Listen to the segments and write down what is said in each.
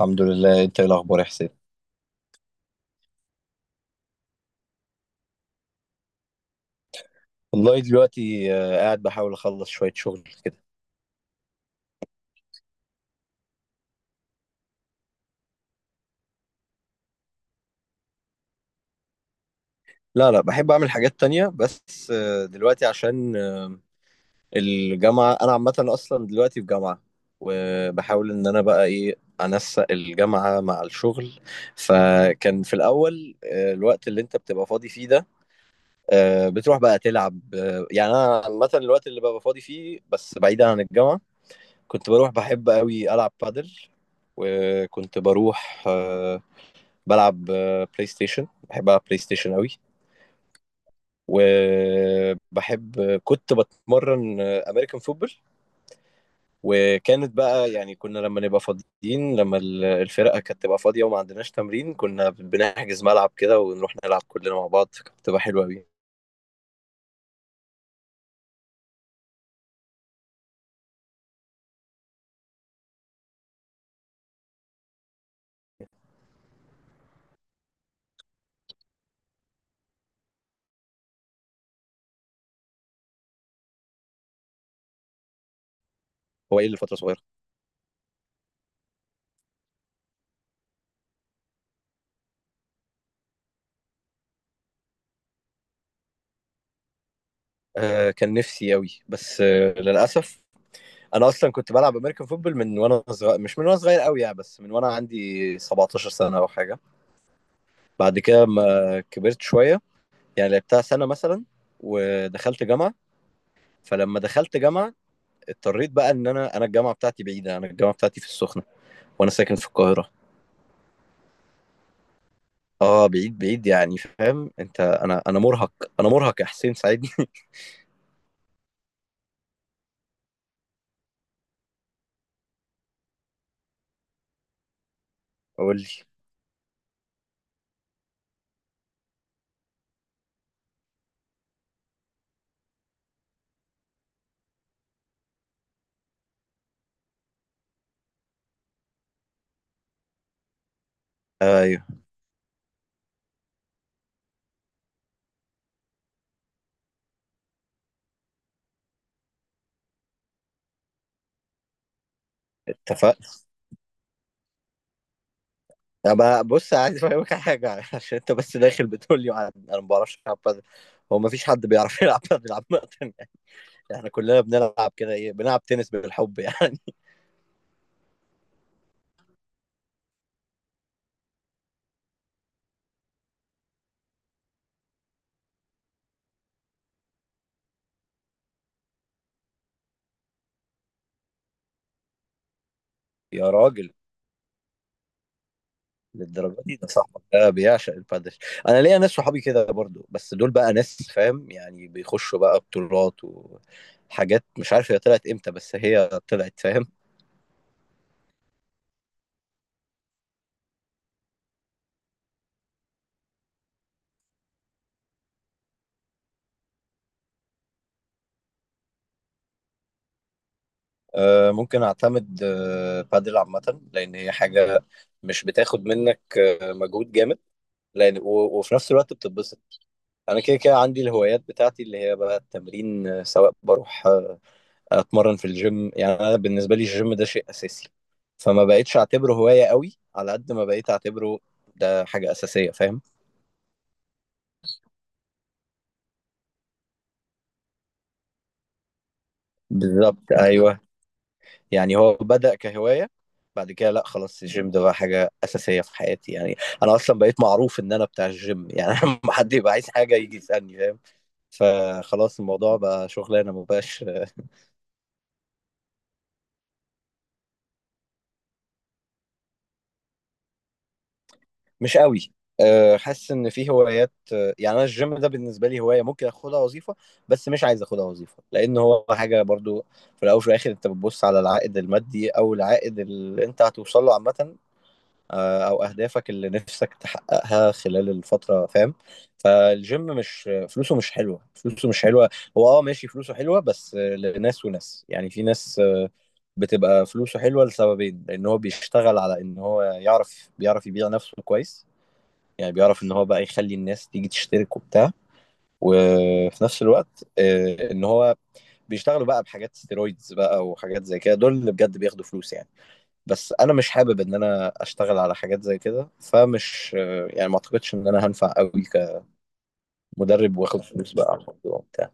الحمد لله. انت ايه الاخبار يا حسين؟ والله دلوقتي قاعد بحاول اخلص شوية شغل كده. لا، بحب اعمل حاجات تانية، بس دلوقتي عشان الجامعة. انا عامة اصلا دلوقتي في جامعة، وبحاول ان انا بقى ايه، انسق الجامعة مع الشغل. فكان في الاول الوقت اللي انت بتبقى فاضي فيه ده، بتروح بقى تلعب. يعني انا عامة الوقت اللي ببقى فاضي فيه بس بعيدا عن الجامعة، كنت بروح بحب قوي العب بادل، وكنت بروح بلعب بلاي ستيشن. بحب العب بلاي ستيشن قوي. وبحب كنت بتمرن امريكان فوتبول. وكانت بقى يعني كنا لما نبقى فاضيين، لما الفرقه كانت تبقى فاضيه وما عندناش تمرين، كنا بنحجز ملعب كده ونروح نلعب كلنا مع بعض. كانت بتبقى حلوه قوي. هو ايه لفتره صغيره؟ آه، كان نفسي قوي بس للاسف، انا اصلا كنت بلعب امريكان فوتبول من وانا صغير، مش من وانا صغير قوي يعني، بس من وانا عندي 17 سنه او حاجه. بعد كده ما كبرت شويه، يعني لعبتها سنه مثلا، ودخلت جامعه. فلما دخلت جامعه اضطريت بقى ان انا الجامعه بتاعتي بعيده. انا الجامعه بتاعتي في السخنه، وانا ساكن في القاهره. اه، بعيد يعني، فاهم انت؟ انا مرهق. انا مرهق يا حسين، ساعدني. قول لي. ايوه. اتفقنا. أبقى بص، عايز افهمك على حاجه، عشان انت بس داخل بتقول لي انا ما بعرفش العب بادل. هو ما فيش حد بيعرف يلعب بادل عامه احنا كلنا بنلعب كده ايه، بنلعب تنس بالحب يعني. يا راجل، للدرجه دي؟ ده صاحبك ده بيعشق البادل. انا ليا ناس صحابي كده برضو، بس دول بقى ناس فاهم يعني، بيخشوا بقى بطولات وحاجات مش عارف هي طلعت امتى، بس هي طلعت، فاهم. آه، ممكن اعتمد آه بادل عامه، لان هي حاجه مش بتاخد منك آه مجهود جامد، لان وفي نفس الوقت بتتبسط. انا كده كده عندي الهوايات بتاعتي، اللي هي بقى التمرين. سواء بروح اتمرن في الجيم، يعني انا بالنسبه لي الجيم ده شيء اساسي، فما بقتش اعتبره هوايه قوي على قد ما بقيت اعتبره ده حاجه اساسيه، فاهم. بالظبط، ايوه. يعني هو بدأ كهوايه، بعد كده لا خلاص الجيم ده بقى حاجه اساسيه في حياتي يعني. انا اصلا بقيت معروف ان انا بتاع الجيم يعني لما حد يبقى عايز حاجه يجي يسالني، فاهم. فخلاص الموضوع بقى شغلانه ما بقاش. مش قوي. أه، حاسس ان في هوايات أه، يعني انا الجيم ده بالنسبه لي هوايه ممكن اخدها وظيفه، بس مش عايز اخدها وظيفه لان هو حاجه برضو. في الاول وفي الاخر انت بتبص على العائد المادي او العائد اللي انت هتوصل له عامه. أه، او اهدافك اللي نفسك تحققها خلال الفتره، فاهم. فالجيم مش فلوسه مش حلوه، فلوسه مش حلوه. هو اه ماشي فلوسه حلوه، بس لناس وناس يعني. في ناس أه، بتبقى فلوسه حلوه لسببين، لان هو بيشتغل على ان هو يعرف بيعرف يبيع نفسه كويس، يعني بيعرف ان هو بقى يخلي الناس تيجي تشترك وبتاع. وفي نفس الوقت ان هو بيشتغلوا بقى بحاجات ستيرويدز بقى وحاجات زي كده، دول اللي بجد بياخدوا فلوس يعني. بس انا مش حابب ان انا اشتغل على حاجات زي كده، فمش يعني ما اعتقدش ان انا هنفع قوي كمدرب واخد فلوس بقى على الموضوع وبتاع.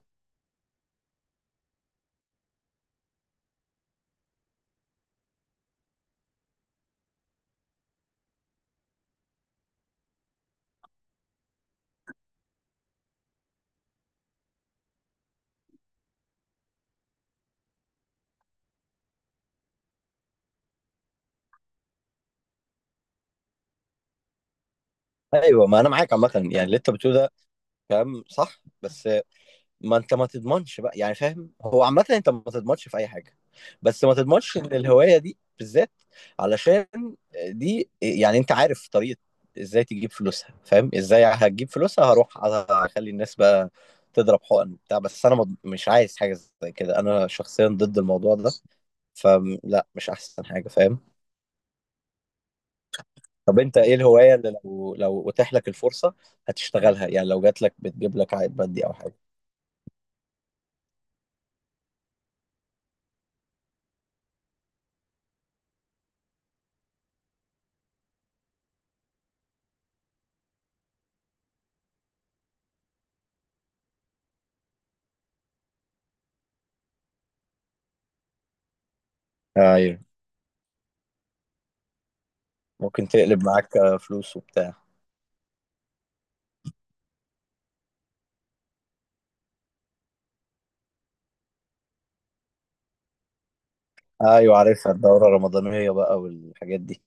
ايوه، ما انا معاك عامه، يعني اللي انت بتقوله ده كلام صح، بس ما انت ما تضمنش بقى، يعني فاهم، هو عامة انت ما تضمنش في اي حاجة. بس ما تضمنش ان الهواية دي بالذات، علشان دي يعني، انت عارف طريقة ازاي تجيب فلوسها، فاهم، ازاي هتجيب فلوسها؟ هروح اخلي الناس بقى تضرب حقن وبتاع، بس انا مش عايز حاجة زي كده. انا شخصيا ضد الموضوع ده، فلا، مش احسن حاجة، فاهم. طب انت ايه الهواية اللي لو اتاح لك الفرصة هتشتغلها يعني، لو جات لك بتجيب لك عائد مادي او حاجة؟ ايوه ممكن تقلب معاك فلوس وبتاع. ايوه عارفها، الدوره الرمضانيه بقى والحاجات دي.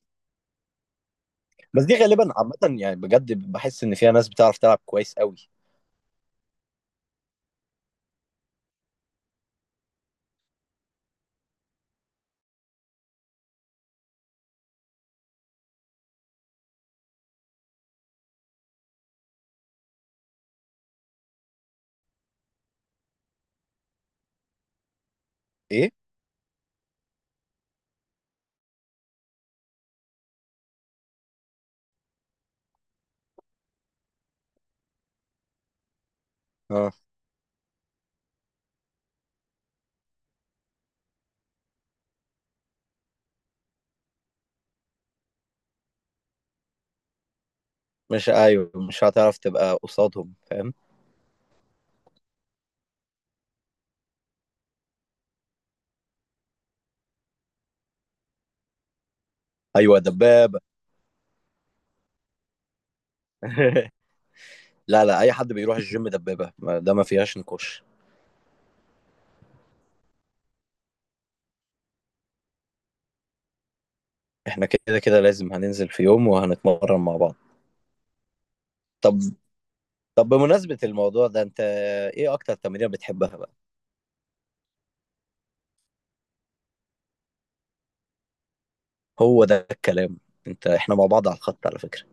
بس دي غالبا عامه يعني، بجد بحس ان فيها ناس بتعرف تلعب كويس قوي. ايه. اه. مش، ايوه مش هتعرف تبقى قصادهم، فاهم. ايوه، دبابه. لا لا، اي حد بيروح الجيم دبابه، ده ما فيهاش نقاش. احنا كده كده لازم هننزل في يوم وهنتمرن مع بعض. طب، طب بمناسبة الموضوع ده، انت ايه اكتر تمرين بتحبها بقى؟ هو ده الكلام. انت احنا مع بعض على الخط على فكرة.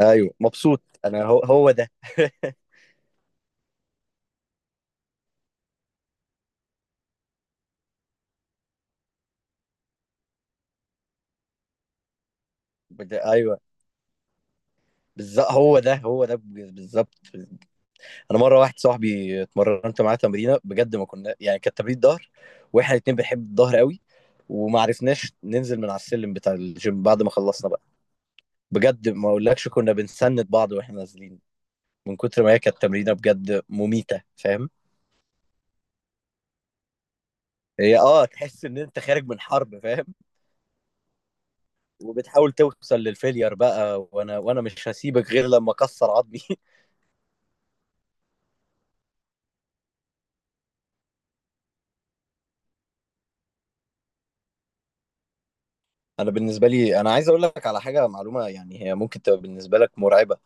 ايوه مبسوط انا، هو ده ايوه بالظبط، هو ده بالظبط. انا مره واحد صاحبي اتمرنت معاه تمرينه بجد، ما كنا يعني كانت تمرين ظهر، واحنا الاتنين بنحب الظهر قوي، وما عرفناش ننزل من على السلم بتاع الجيم بعد ما خلصنا بقى. بجد ما اقولكش كنا بنسند بعض واحنا نازلين، من كتر ما هي كانت تمرينه بجد مميته، فاهم. هي اه، تحس ان انت خارج من حرب، فاهم. وبتحاول توصل للفيلير بقى، وانا مش هسيبك غير لما اكسر عظمي انا بالنسبه لي، انا عايز اقول لك على حاجه معلومه يعني، هي ممكن تبقى بالنسبه لك مرعبه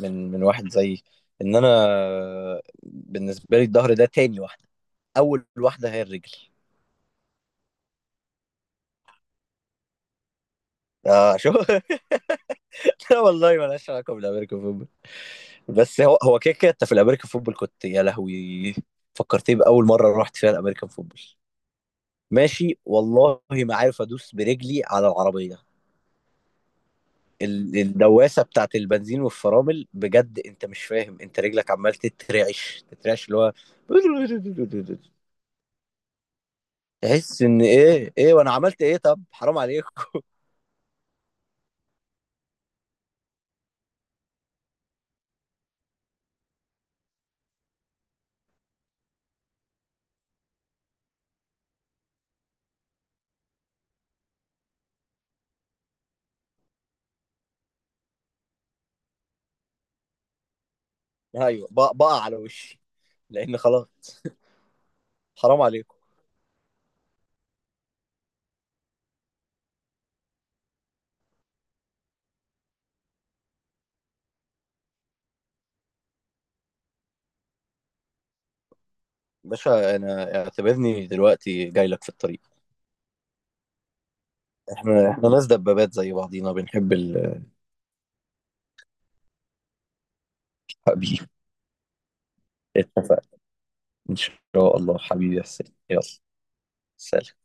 من واحد زيي، ان انا بالنسبه لي الظهر ده تاني واحده، اول واحده هي الرجل. اه شو. لا والله مالهاش علاقه بالامريكان فوتبول، بس هو هو كده كده انت في الامريكان فوتبول كنت يا لهوي. فكرتني باول مره رحت فيها الامريكان فوتبول، ماشي والله ما عارف ادوس برجلي على العربيه. الدواسه بتاعت البنزين والفرامل، بجد انت مش فاهم، انت رجلك عمال تترعش اللي هو تحس ان ايه، ايه وانا عملت ايه، طب حرام عليكم. ايوه، بقع على وشي، لان خلاص، حرام عليكم. باشا، انا اعتبرني دلوقتي جاي لك في الطريق. احنا ناس دبابات زي بعضينا، بنحب الحبيب. اتفقنا. ان شاء الله، حبيبي يا حسين، يلا. سلام.